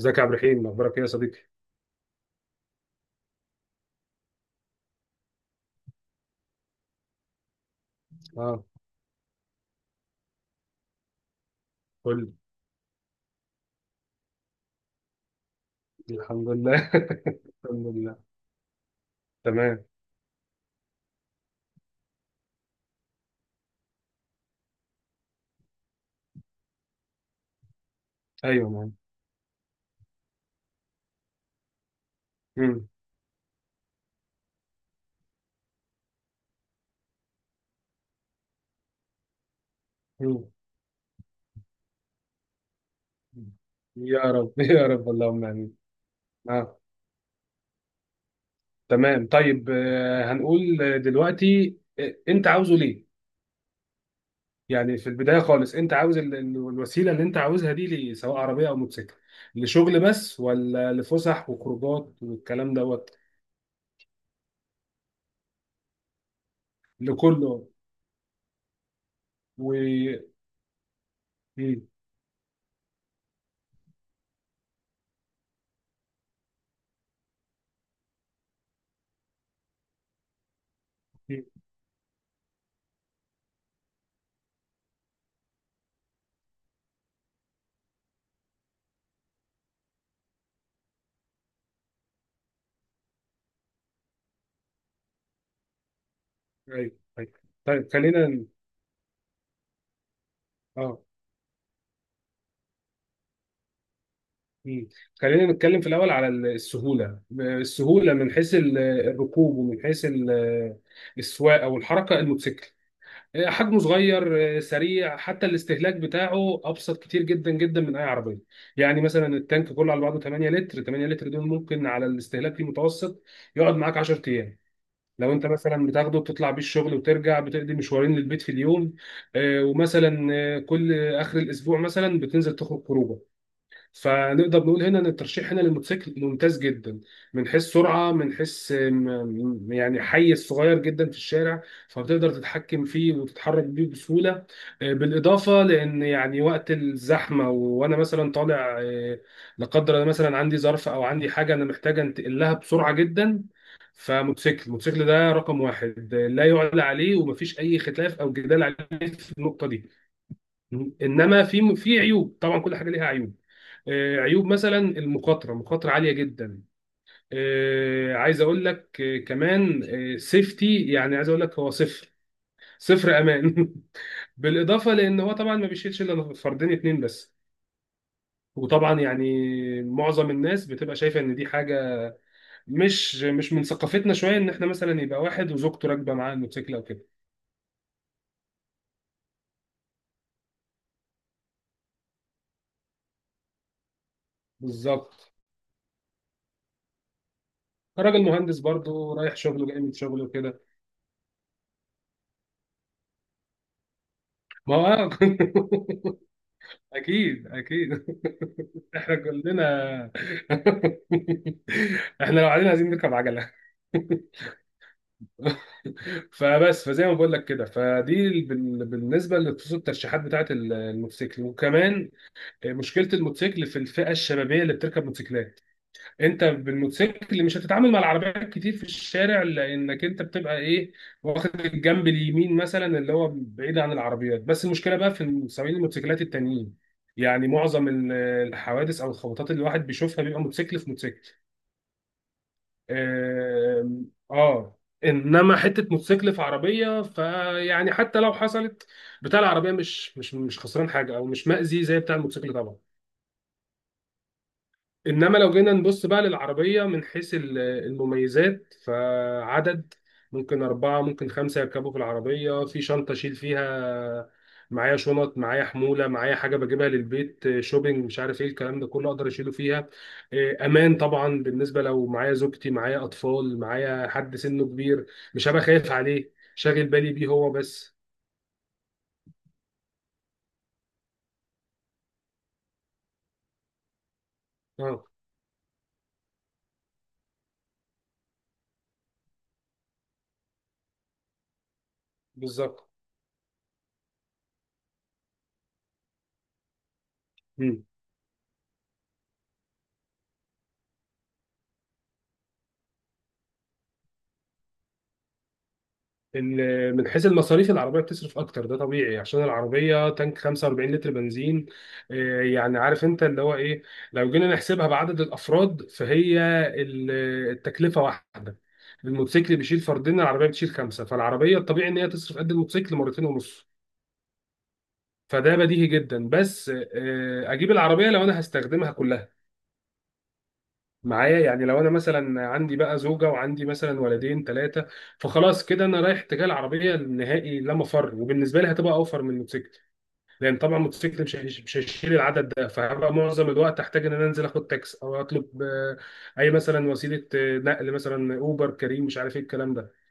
ازيك يا عبد الرحيم؟ اخبارك ايه يا صديقي؟ اه. قول لي. الحمد لله. الحمد لله. تمام. ايوه مان. مم. مم. يا رب. يا رب اللهم امين. اه، تمام. طيب، هنقول دلوقتي انت عاوزه ليه؟ يعني في البدايه خالص، انت عاوز الوسيله اللي انت عاوزها دي ليه، سواء عربيه او موتوسيكل، لشغل بس، ولا لفسح وخروجات والكلام دوت؟ لكله. و مم. مم. ايوه، ايوه. طيب، خلينا. اه. مم. خلينا نتكلم في الأول على السهولة، السهولة من حيث الركوب، ومن حيث السواقة والحركة. الموتوسيكل حجمه صغير، سريع، حتى الاستهلاك بتاعه أبسط كتير جدا جدا من أي عربية. يعني مثلا التانك كله على بعضه 8 لتر، 8 لتر دول ممكن على الاستهلاك المتوسط يقعد معاك 10 أيام. لو انت مثلا بتاخده بتطلع بيه الشغل وترجع، بتقضي مشوارين للبيت في اليوم. ومثلا كل اخر الاسبوع مثلا بتنزل تخرج خروجه. فنقدر نقول هنا ان الترشيح هنا للموتوسيكل ممتاز جدا، من حيث سرعه، من حيث يعني حيز صغير جدا في الشارع، فبتقدر تتحكم فيه وتتحرك بيه بسهوله. بالاضافه لان يعني وقت الزحمه و- وانا مثلا طالع، لا قدر الله مثلا عندي ظرف، او عندي حاجه انا محتاج انتقل لها بسرعه جدا. فموتوسيكل الموتوسيكل ده رقم واحد، لا يعلى عليه، ومفيش اي خلاف او جدال عليه في النقطه دي. انما في عيوب، طبعا كل حاجه ليها عيوب. عيوب مثلا، المخاطره مخاطره عاليه جدا. عايز اقول لك كمان، سيفتي يعني، عايز اقول لك هو صفر، صفر امان. بالاضافه لان هو طبعا ما بيشيلش الا فردين اتنين بس. وطبعا يعني معظم الناس بتبقى شايفه ان دي حاجه مش من ثقافتنا شويه، ان احنا مثلا يبقى واحد وزوجته راكبه معاه الموتوسيكل او كده. بالظبط. راجل مهندس برضه رايح شغله جاي من شغله كده. ما هو آه. اكيد، اكيد. احنا كلنا. احنا لو قاعدين عايزين نركب عجله. فبس، فزي ما بقول لك كده، فدي بالنسبه لخصوص الترشيحات بتاعت الموتوسيكل، وكمان مشكله الموتوسيكل في الفئه الشبابيه اللي بتركب موتوسيكلات. انت بالموتوسيكل مش هتتعامل مع العربيات كتير في الشارع، لانك انت بتبقى ايه؟ واخد الجنب اليمين مثلا اللي هو بعيد عن العربيات. بس المشكله بقى في سواقين الموتوسيكلات التانيين. يعني معظم الحوادث او الخبطات اللي الواحد بيشوفها بيبقى موتوسيكل في موتوسيكل. اه. انما حته موتوسيكل في عربيه، فيعني حتى لو حصلت، بتاع العربيه مش خسران حاجه، او مش مأذي زي بتاع الموتوسيكل طبعا. انما لو جينا نبص بقى للعربيه من حيث المميزات، فعدد ممكن اربعه، ممكن خمسه يركبوا في العربيه، في شنطه اشيل فيها معايا شنط، معايا حموله، معايا حاجه بجيبها للبيت، شوبينج مش عارف ايه الكلام ده كله، اقدر اشيله فيها. إيه، امان طبعا، بالنسبه لو معايا زوجتي، معايا اطفال، معايا حد سنه كبير، مش هبقى خايف عليه شاغل بالي بيه هو بس. اه، بالظبط. من حيث المصاريف العربية بتصرف أكتر، ده طبيعي عشان العربية تانك 45 لتر بنزين. يعني عارف أنت اللي هو إيه، لو جينا نحسبها بعدد الأفراد فهي ال- التكلفة واحدة. الموتوسيكل بيشيل فردين، العربية بتشيل خمسة، فالعربية الطبيعي إن هي تصرف قد الموتوسيكل مرتين ونص. فده بديهي جدا. بس أجيب العربية لو أنا هستخدمها كلها معايا. يعني لو انا مثلا عندي بقى زوجه، وعندي مثلا ولدين، ثلاثه، فخلاص كده انا رايح اتجاه العربيه، النهائي لا مفر، وبالنسبه لي هتبقى اوفر من الموتوسيكل. لان طبعا الموتوسيكل مش هيشيل العدد ده، فهبقى معظم الوقت هحتاج ان انا انزل اخد تاكس، او اطلب اي مثلا وسيله نقل، مثلا اوبر، كريم، مش عارف ايه الكلام ده.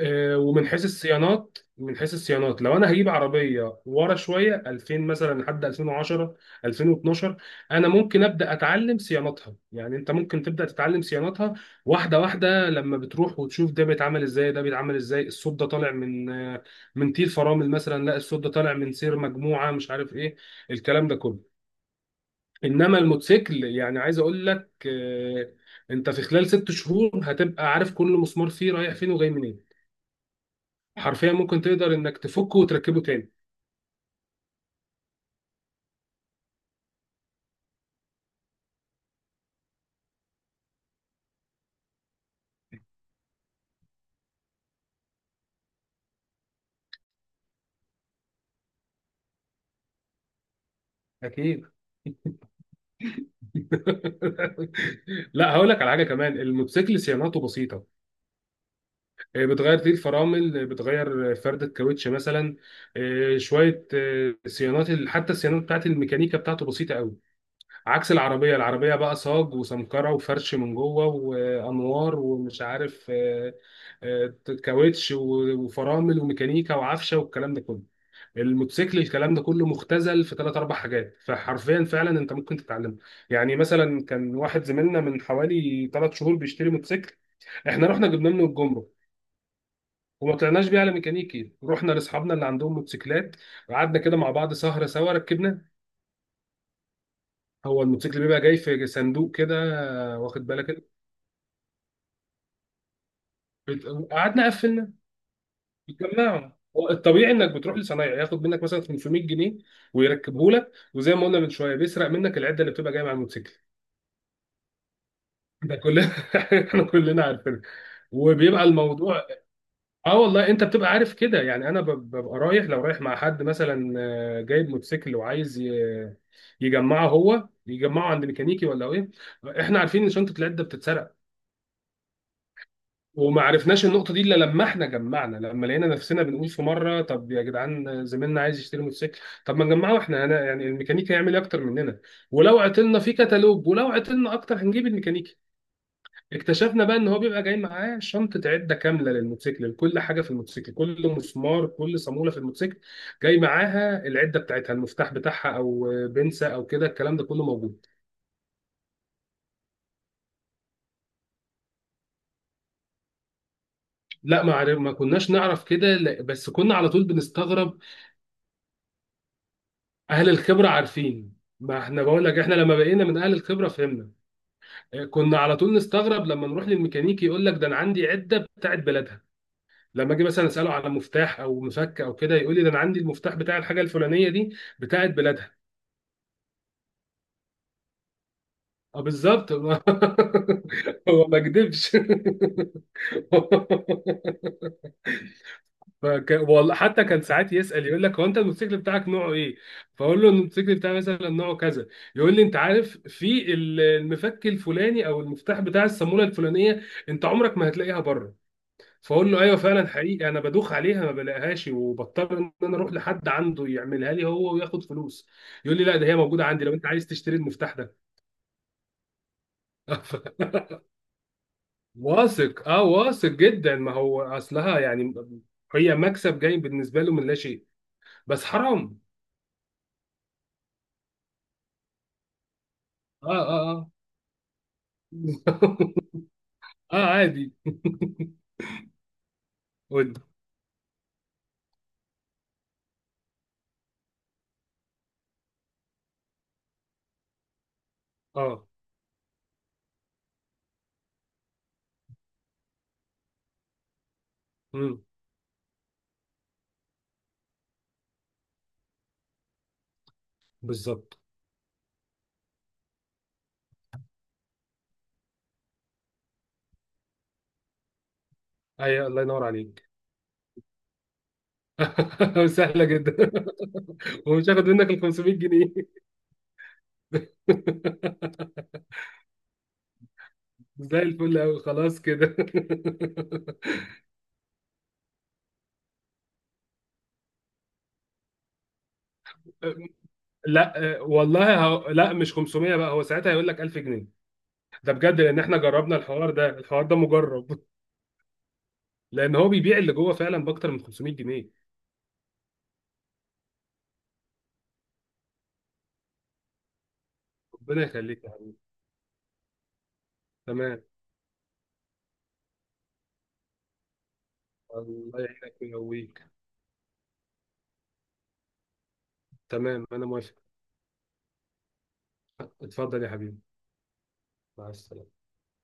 ومن حيث الصيانات، لو انا هجيب عربيه ورا شويه 2000 مثلا لحد 2010، 2012، انا ممكن ابدا اتعلم صيانتها، يعني انت ممكن تبدا تتعلم صيانتها واحده واحده، لما بتروح وتشوف ده بيتعمل ازاي، ده بيتعمل ازاي، الصوت ده طالع من، من تير فرامل مثلا، لا الصوت ده طالع من سير مجموعه، مش عارف ايه الكلام ده كله. انما الموتوسيكل، يعني عايز اقول لك، انت في خلال ست شهور هتبقى عارف كل مسمار فيه رايح فين وجاي منين. حرفيا ممكن تقدر انك تفكه وتركبه تاني. اكيد. لا، هقول لك على حاجه كمان. الموتوسيكل صيانته بسيطه، بتغير دي الفرامل، بتغير فرده كاوتش مثلا، شويه صيانات، حتى الصيانات بتاعت الميكانيكا بتاعته بسيطه قوي. عكس العربيه. العربيه بقى صاج وسمكره وفرش من جوه وانوار، ومش عارف آه، كاوتش، و- وفرامل وميكانيكا وعفشه والكلام ده كله. الموتوسيكل، الكلام ده كله مختزل في ثلاث اربع حاجات، فحرفيا فعلا انت ممكن تتعلم. يعني مثلا كان واحد زميلنا من حوالي ثلاث شهور بيشتري موتوسيكل، احنا رحنا جبنا منه الجمرك، وما طلعناش بيه على ميكانيكي، رحنا لاصحابنا اللي عندهم موتوسيكلات، وقعدنا كده مع بعض سهره سوا، ركبنا. هو الموتوسيكل بيبقى جاي في صندوق كده، واخد بالك انت؟ بت- قعدنا قفلنا، اتجمعنا. هو الطبيعي انك بتروح لصنايعي ياخد منك مثلا 500 جنيه، ويركبه لك، وزي ما قلنا من شويه بيسرق منك العده اللي بتبقى جايه مع الموتوسيكل. ده كلنا. احنا كلنا عارفين. وبيبقى الموضوع، اه والله انت بتبقى عارف كده، يعني انا ببقى رايح، لو رايح مع حد مثلا جايب موتوسيكل وعايز يجمعه، هو يجمعه عند ميكانيكي ولا ايه؟ احنا عارفين ان شنطه العده بتتسرق. وما عرفناش النقطه دي الا لما احنا جمعنا، لما لقينا نفسنا بنقول في مره، طب يا جدعان زميلنا عايز يشتري موتوسيكل، طب ما نجمعه احنا هنا، يعني الميكانيكي هيعمل ايه اكتر مننا؟ ولو عطلنا في كتالوج، ولو عطلنا اكتر هنجيب الميكانيكي. اكتشفنا بقى ان هو بيبقى جاي معاه شنطه عده كامله للموتوسيكل، لكل حاجه في الموتوسيكل، كل مسمار، كل صاموله في الموتوسيكل جاي معاها العده بتاعتها، المفتاح بتاعها او بنسه او كده، الكلام ده كله موجود. لا، ما كناش نعرف كده، بس كنا على طول بنستغرب. اهل الخبره عارفين. ما احنا بقول لك، احنا لما بقينا من اهل الخبره فهمنا. كنا على طول نستغرب لما نروح للميكانيكي يقول لك، ده انا عندي عده بتاعت بلدها. لما اجي مثلا اساله على مفتاح او مفك او كده، يقول لي ده انا عندي المفتاح بتاع الحاجه الفلانيه دي بتاعت بلادها. اه بالظبط. هو ما كدبش. والله حتى كان ساعات يسأل، يقول لك، هو انت الموتوسيكل بتاعك نوعه ايه؟ فاقول له الموتوسيكل بتاعي مثلا نوعه كذا، يقول لي انت عارف في المفك الفلاني او المفتاح بتاع الصامولة الفلانية، انت عمرك ما هتلاقيها بره. فاقول له ايوه، فعلا حقيقي انا بدوخ عليها ما بلاقيهاش، وبضطر ان انا اروح لحد عنده يعملها لي هو وياخد فلوس. يقول لي لا، ده هي موجودة عندي لو انت عايز تشتري المفتاح ده. واثق، اه واثق جدا، ما هو اصلها يعني هي مكسب جاي بالنسبه له من لا شيء. بس حرام. اه، اه، اه. اه عادي. قول. اه. امم. بالظبط. اي، الله ينور عليك. سهله جدا. ومش هاخد منك ال 500 جنيه. زي الفل قوي، خلاص كده. لا، والله لا مش 500 بقى، هو ساعتها هيقول لك 1000 جنيه. ده بجد، لان احنا جربنا الحوار ده، الحوار ده مجرب، لان هو بيبيع اللي جوه فعلا باكتر من 500 جنيه. ربنا يخليك يا حبيبي. تمام. الله يعينك ويقويك. تمام، انا موافق. اتفضل يا حبيبي. مع السلامه.